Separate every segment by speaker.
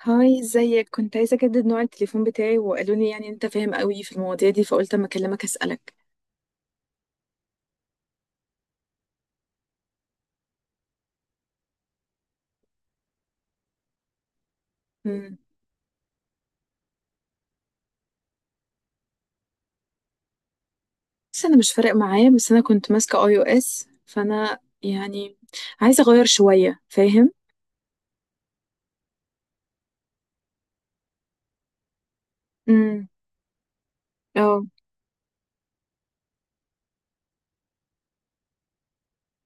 Speaker 1: هاي، ازيك؟ كنت عايزة اجدد نوع التليفون بتاعي، وقالوا لي يعني انت فاهم قوي في المواضيع دي، فقلت اما اكلمك اسألك. مم. بس انا مش فارق معايا، بس انا كنت ماسكة اي او اس، فانا يعني عايزة اغير شوية، فاهم؟ امم. اه.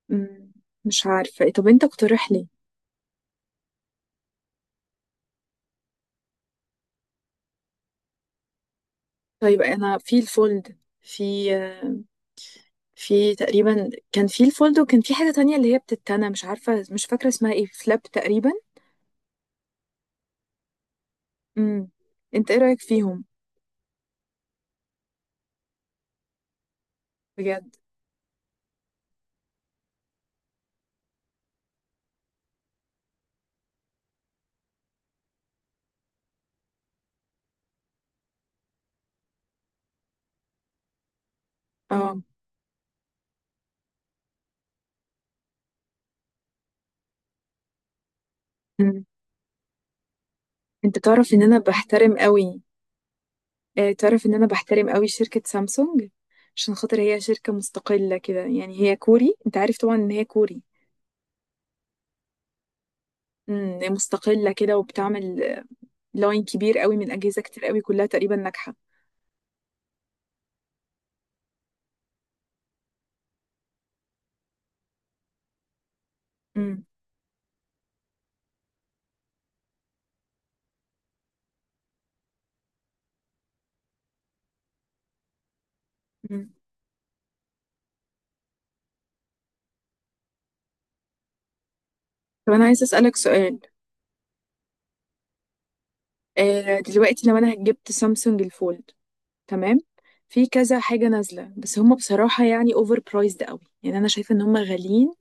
Speaker 1: مم. مش عارفة، طب انت اقترح لي. طيب انا في الفولد، في تقريبا كان في الفولد، وكان في حاجة تانية اللي هي بتتنى، مش عارفة، مش فاكرة اسمها ايه، فلاب تقريبا. امم. انت ايه رأيك فيهم؟ بجد؟ اه. مم. انت تعرف ان انا بحترم قوي. اه، تعرف ان انا بحترم قوي شركة سامسونج، عشان خاطر هي شركة مستقلة كده، يعني هي كوري، انت عارف طبعا ان هي كوري. هي مستقلة كده وبتعمل لاين كبير قوي من اجهزة كتير قوي، كلها تقريبا ناجحة. امم امم طب انا عايزة اسألك سؤال. اه، دلوقتي لو انا جبت سامسونج الفولد، تمام. في كذا حاجة نازلة، بس هم بصراحة يعني اوفر برايزد قوي، يعني انا شايفة ان هم غاليين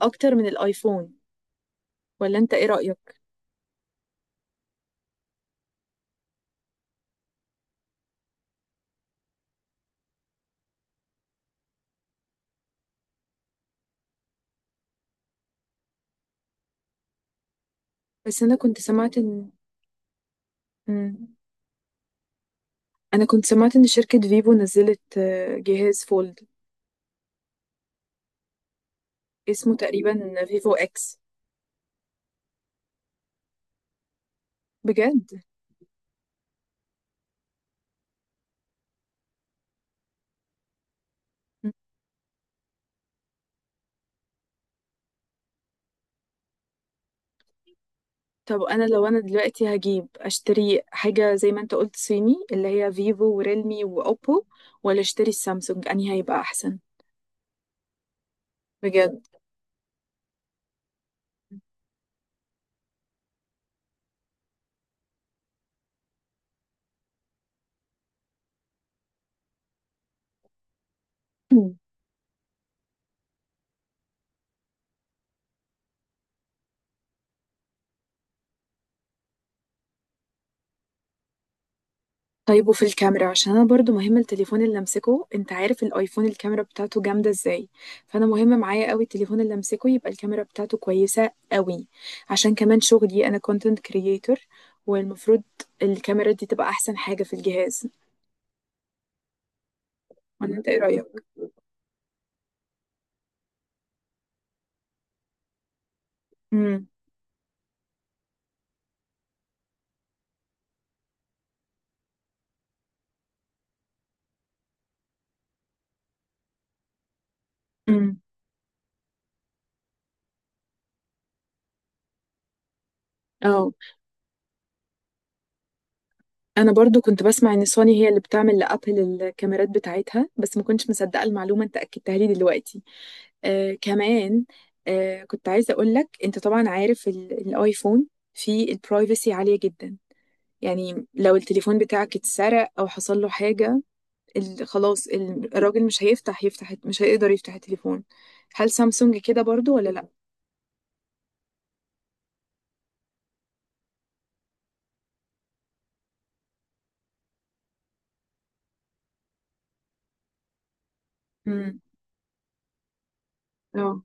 Speaker 1: اكتر من الايفون، ولا انت ايه رأيك؟ بس انا كنت سمعت ان. مم. انا كنت سمعت ان شركة فيفو نزلت جهاز فولد، اسمه تقريبا فيفو اكس. بجد؟ مم. طب انا لو دلوقتي هجيب اشتري حاجة زي ما انت قلت صيني، اللي هي فيفو وريلمي واوبو، ولا اشتري السامسونج، انهي هيبقى احسن؟ بجد؟ مم. طيب، وفي الكاميرا، عشان انا برضو مهم التليفون اللي امسكه، انت عارف الايفون الكاميرا بتاعته جامده ازاي. فانا مهم معايا قوي التليفون اللي امسكه، يبقى الكاميرا بتاعته كويسه قوي، عشان كمان شغلي انا كونتنت كرييتور، والمفروض الكاميرا دي تبقى احسن حاجه في الجهاز، ولا انت ايه رايك؟ امم. امم. اه. انا برضو كنت بسمع ان سوني هي اللي بتعمل لابل الكاميرات بتاعتها، بس ما كنتش مصدقه المعلومه، انت اكدتها لي دلوقتي. آه كمان. آه، كنت عايزة أقول لك، أنت طبعا عارف الآيفون فيه البرايفسي عالية جدا، يعني لو التليفون بتاعك اتسرق أو حصل له حاجة، خلاص، الراجل مش يفتح، مش هيقدر يفتح التليفون. هل سامسونج كده برضو ولا لأ؟ امم. اه.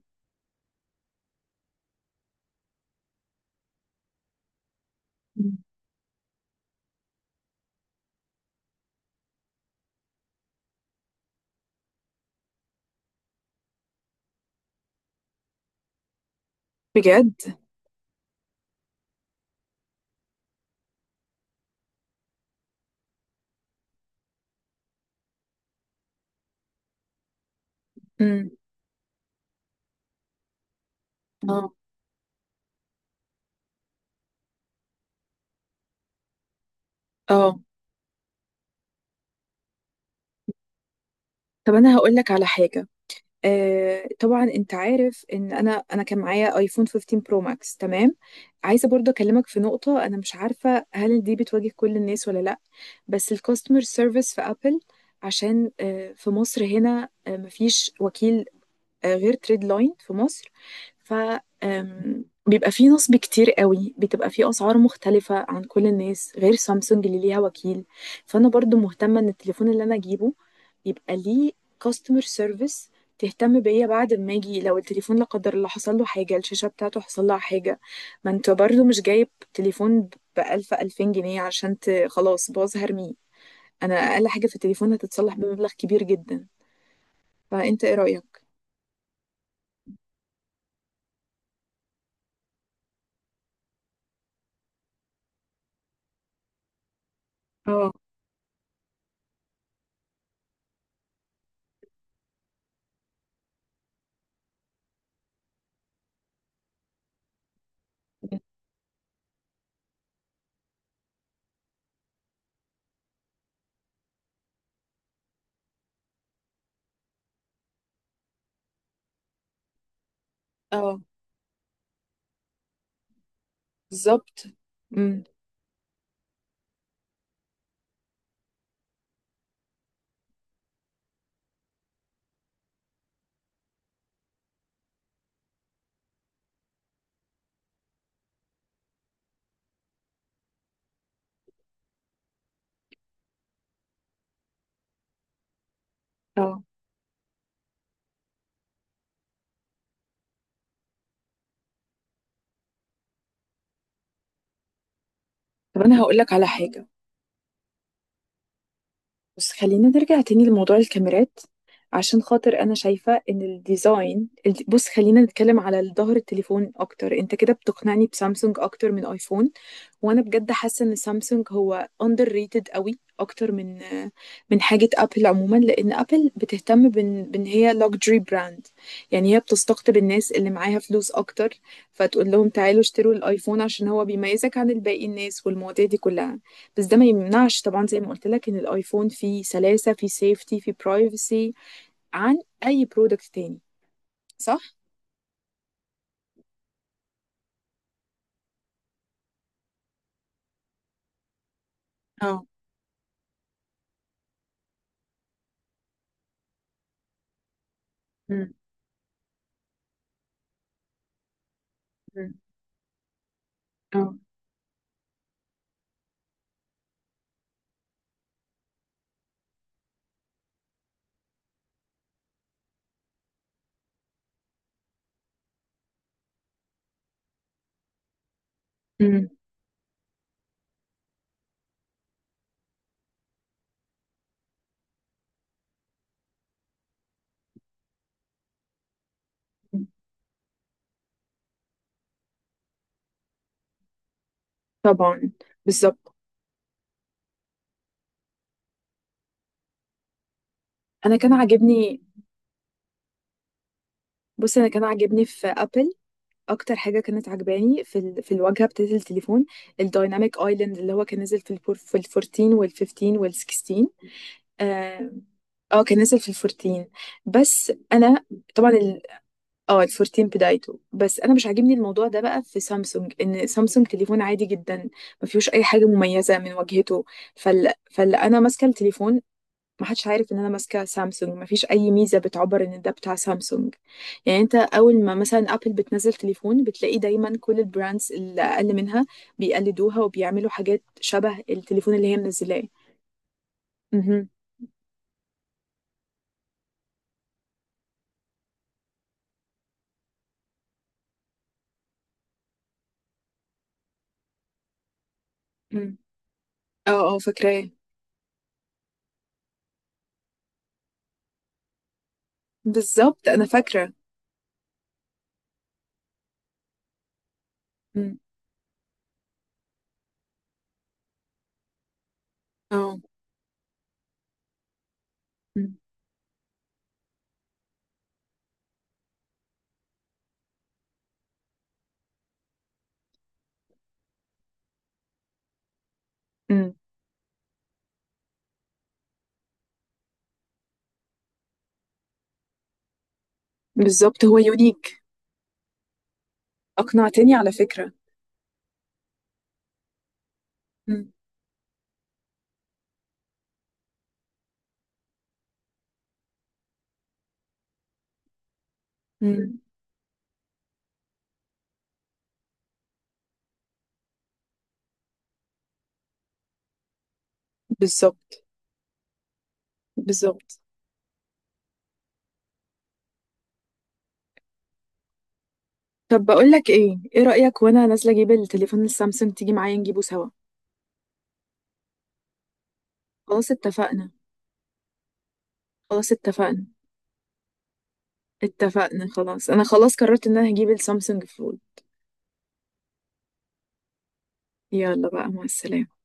Speaker 1: مم. بجد؟ امم. اه. اه، طب أنا هقول لك على حاجة. آه، طبعا انت عارف ان انا كان معايا ايفون 15 برو ماكس، تمام. عايزه برضه اكلمك في نقطه، انا مش عارفه هل دي بتواجه كل الناس ولا لا. بس الكاستمر سيرفيس في ابل، عشان في مصر هنا مفيش وكيل غير تريد لاين في مصر. ف آم، بيبقى فيه نصب كتير قوي، بتبقى فيه اسعار مختلفه عن كل الناس، غير سامسونج اللي ليها وكيل. فانا برضو مهتمه ان التليفون اللي انا اجيبه يبقى ليه كاستمر سيرفيس تهتم بيا بعد ما اجي، لو التليفون لا قدر الله حصل له حاجه، الشاشه بتاعته حصل لها حاجه. ما انت برضو مش جايب تليفون بألف ألفين جنيه، عشان خلاص باظ هرميه. انا اقل حاجه في التليفون هتتصلح بمبلغ كبير جدا. فانت ايه رأيك؟ اه. اه. بالظبط. امم. اه. طب انا هقول لك على حاجه، بس خلينا نرجع تاني لموضوع الكاميرات، عشان خاطر انا شايفة ان الديزاين بص خلينا نتكلم على ظهر التليفون اكتر، انت كده بتقنعني بسامسونج اكتر من ايفون. وانا بجد حاسه ان سامسونج هو اندر ريتد قوي اكتر من حاجه ابل عموما، لان ابل بتهتم بان هي لوكسجري براند، يعني هي بتستقطب الناس اللي معاها فلوس اكتر، فتقول لهم تعالوا اشتروا الايفون عشان هو بيميزك عن الباقي الناس، والمواضيع دي كلها. بس ده ما يمنعش طبعا، زي ما قلت لك ان الايفون فيه سلاسه، فيه سيفتي، فيه برايفسي عن اي برودكت تاني، صح؟ اه. أم، أم، اه. أم، أم. طبعا. بالظبط، انا كان عاجبني. بصي، انا كان عاجبني في ابل، اكتر حاجه كانت عجباني في الواجهه بتاعت التليفون، الدايناميك ايلاند اللي هو كان نزل في الفورتين والفيفتين والسكستين. اه. آه، كان نزل في الفورتين. بس انا طبعا اه، الفورتين بدايته، بس انا مش عاجبني الموضوع ده بقى في سامسونج، ان سامسونج تليفون عادي جدا، ما فيهوش اي حاجه مميزه من واجهته. فال... فال انا ماسكه التليفون، ما حدش عارف ان انا ماسكه سامسونج، ما فيش اي ميزه بتعبر ان ده بتاع سامسونج. يعني انت اول ما مثلا ابل بتنزل تليفون بتلاقي دايما كل البراندز اللي اقل منها بيقلدوها، وبيعملوا حاجات شبه التليفون اللي هي منزلاه. مهم. مم. اه. اه، فاكراه. بالظبط، انا فاكره. مم. اه. مم. مم. بالظبط، هو يونيك. اقنعتني على فكره. مم. مم. بالظبط. بالظبط. طب بقول لك ايه، ايه رايك وانا نازله اجيب التليفون السامسونج تيجي معايا نجيبه سوا؟ خلاص اتفقنا. خلاص اتفقنا. اتفقنا. خلاص، انا خلاص قررت ان انا هجيب السامسونج فول. يلا بقى، مع السلامة.